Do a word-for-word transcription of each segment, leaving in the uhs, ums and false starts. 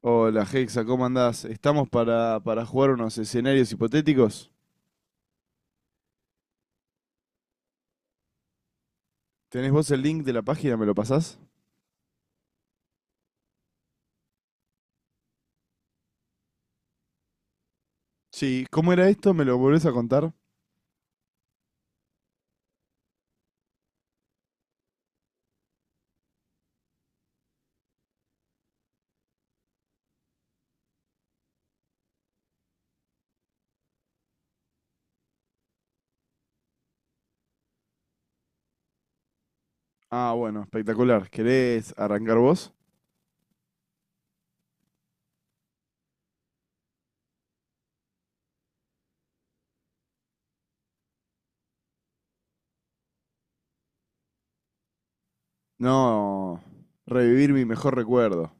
Hola, Hexa, ¿cómo andás? Estamos para, para jugar unos escenarios hipotéticos. ¿Tenés vos el link de la página? ¿Me lo pasás? Sí, ¿cómo era esto? ¿Me lo volvés a contar? Ah, bueno, espectacular. ¿Querés arrancar vos? No, revivir mi mejor recuerdo.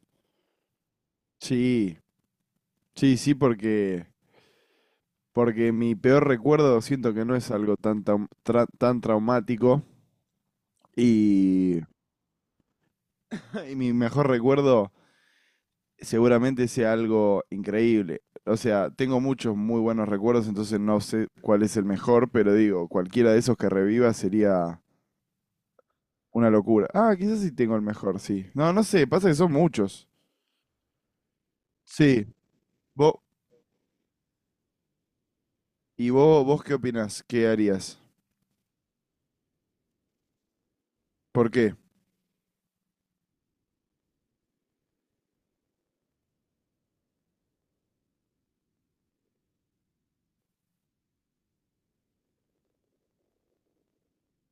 Sí, sí, sí, porque, porque mi peor recuerdo siento que no es algo tan, tan, tan traumático y, y mi mejor recuerdo seguramente sea algo increíble. O sea, tengo muchos muy buenos recuerdos, entonces no sé cuál es el mejor, pero digo, cualquiera de esos que reviva sería una locura. Ah, quizás sí tengo el mejor, sí. No, no sé, pasa que son muchos. Sí. Vos, ¿y vos, vos qué opinás? ¿Qué harías? ¿Por qué?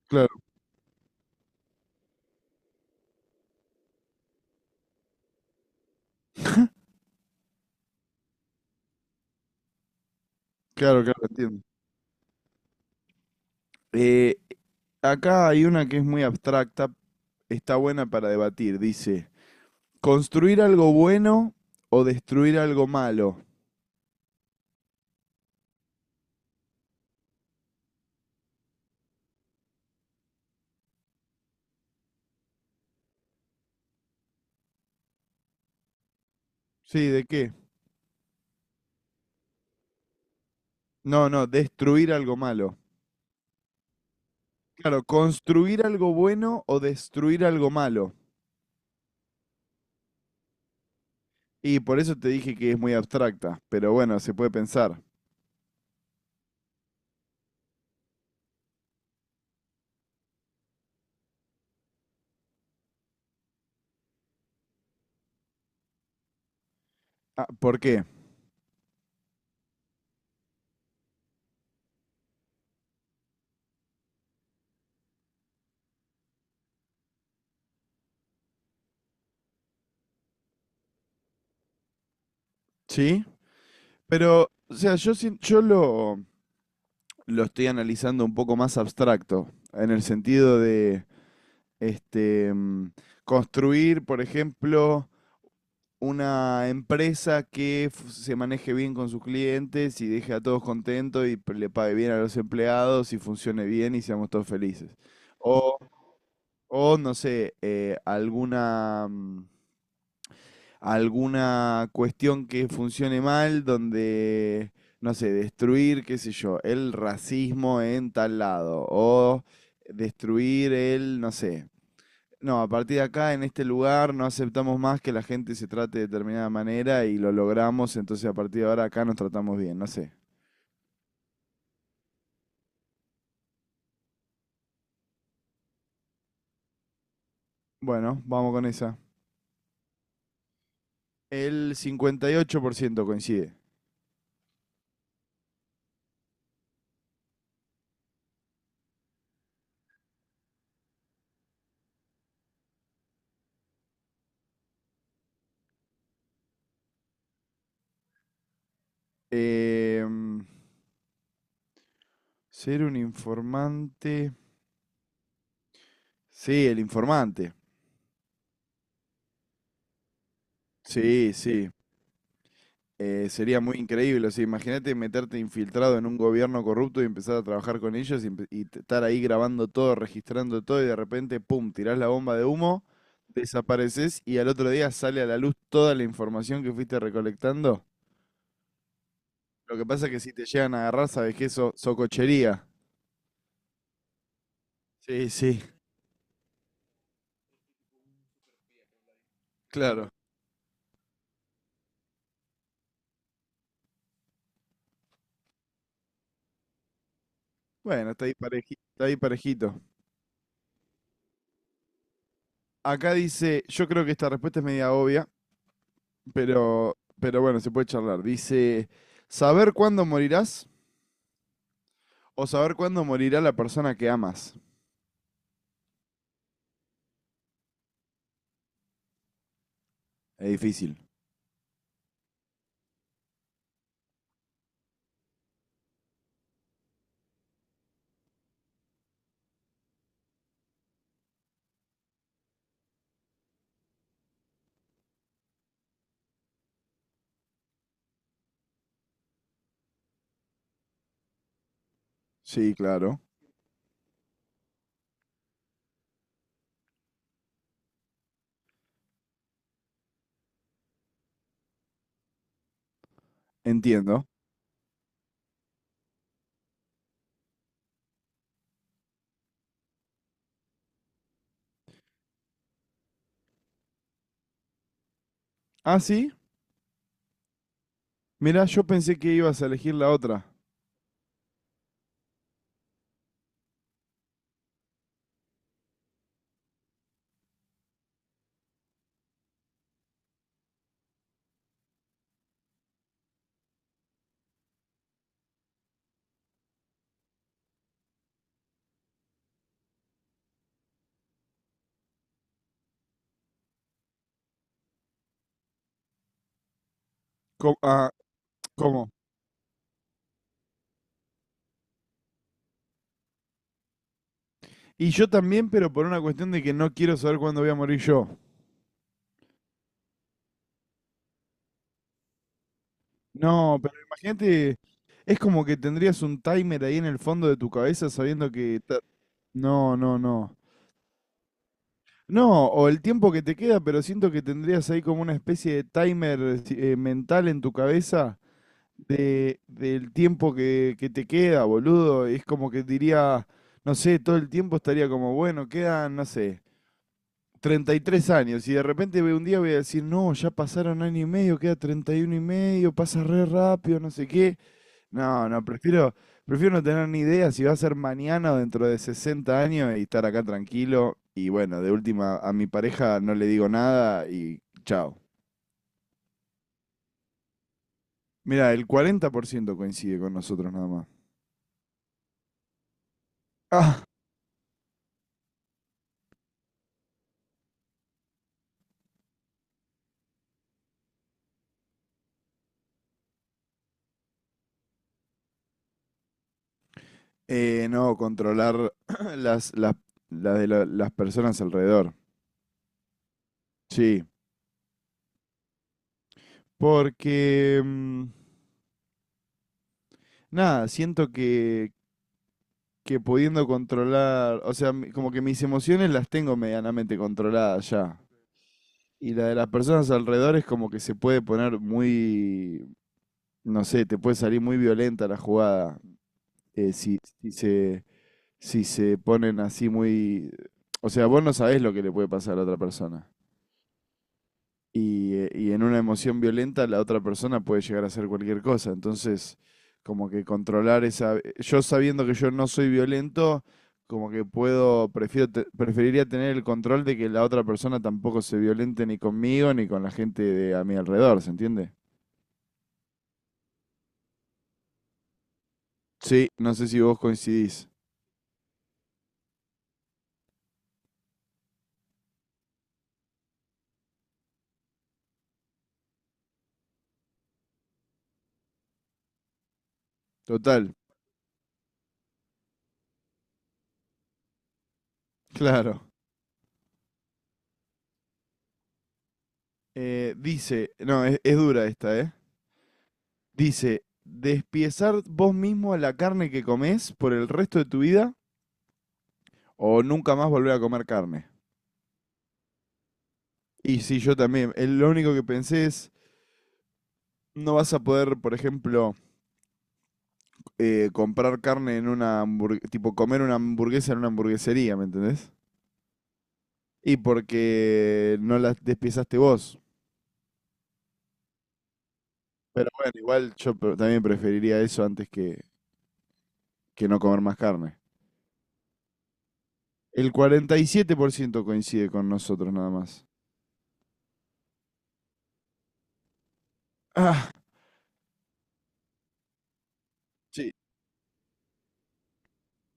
Claro, claro, claro, entiendo. Eh, Acá hay una que es muy abstracta, está buena para debatir. Dice, ¿construir algo bueno o destruir algo malo? Sí, ¿de qué? No, no, destruir algo malo. Claro, construir algo bueno o destruir algo malo. Y por eso te dije que es muy abstracta, pero bueno, se puede pensar. Ah, ¿por qué? ¿Sí? Pero, o sea, yo, sien- yo lo, lo estoy analizando un poco más abstracto, en el sentido de este, mm, construir, por ejemplo, una empresa que f- se maneje bien con sus clientes y deje a todos contentos y p- le pague bien a los empleados y funcione bien y seamos todos felices. O, o, no sé, eh, alguna, mm, alguna cuestión que funcione mal donde, no sé, destruir, qué sé yo, el racismo en tal lado o destruir el, no sé, no, a partir de acá, en este lugar, no aceptamos más que la gente se trate de determinada manera y lo logramos, entonces a partir de ahora acá nos tratamos bien, no sé. Bueno, vamos con esa. El cincuenta y ocho por ciento coincide. Em, Ser un informante. Sí, el informante. Sí, sí. Eh, sería muy increíble, o sea, imagínate meterte infiltrado en un gobierno corrupto y empezar a trabajar con ellos y, empe- y t- estar ahí grabando todo, registrando todo y de repente, pum, tirás la bomba de humo, desapareces y al otro día sale a la luz toda la información que fuiste recolectando. Lo que pasa es que si te llegan a agarrar, sabes que eso, socochería. Sí, sí, claro. Bueno, está ahí pareji- está ahí parejito. Acá dice, yo creo que esta respuesta es media obvia, pero, pero bueno, se puede charlar. Dice, ¿saber cuándo morirás? O saber cuándo morirá la persona que amas. Es difícil. Sí, claro. Entiendo. Ah, sí. Mirá, yo pensé que ibas a elegir la otra. Co- ah, ¿Cómo? Y yo también, pero por una cuestión de que no quiero saber cuándo voy a morir yo. No, pero imagínate, es como que tendrías un timer ahí en el fondo de tu cabeza sabiendo que... ta- No, no, no. No, o el tiempo que te queda, pero siento que tendrías ahí como una especie de timer eh, mental en tu cabeza de, del tiempo que, que te queda, boludo. Es como que diría, no sé, todo el tiempo estaría como, bueno, quedan, no sé, treinta y tres años. Y de repente ve- un día voy a decir, no, ya pasaron año y medio, queda treinta y uno y medio, pasa re rápido, no sé qué. No, no, prefiero, prefiero no tener ni idea si va a ser mañana o dentro de sesenta años y estar acá tranquilo. Y bueno, de última, a mi pareja no le digo nada y chao. Mira, el cuarenta por ciento coincide con nosotros nada más. Eh, no, controlar las, las, las de la- las personas alrededor. Sí, porque mm, nada, siento que, que pudiendo controlar, o sea, mi- como que mis emociones las tengo medianamente controladas ya. Y la de las personas alrededor es como que se puede poner muy, no sé, te puede salir muy violenta la jugada. Eh, si, si se, si se ponen así muy... O sea, vos no sabés lo que le puede pasar a la otra persona. Y, eh, y en una emoción violenta la otra persona puede llegar a hacer cualquier cosa. Entonces, como que controlar esa... eh, yo sabiendo que yo no soy violento, como que puedo, prefiero, te- preferiría tener el control de que la otra persona tampoco se violente ni conmigo ni con la gente de a mi alrededor, ¿se entiende? Sí, no sé si vos coincidís. Total, claro. Eh, dice, no, es, es dura esta, ¿eh? Dice, despiezar vos mismo la carne que comés por el resto de tu vida o nunca más volver a comer carne. Y sí, yo también. Eh, Lo único que pensé es, no vas a poder, por ejemplo, eh, comprar carne en una hamburguesa, tipo comer una hamburguesa en una hamburguesería, ¿me entendés? Y porque no la despiezaste vos. Pero bueno, igual yo pre- también preferiría eso antes que, que no comer más carne. El cuarenta y siete por ciento coincide con nosotros nada más. Ah, sí.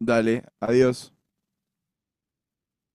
Dale, adiós.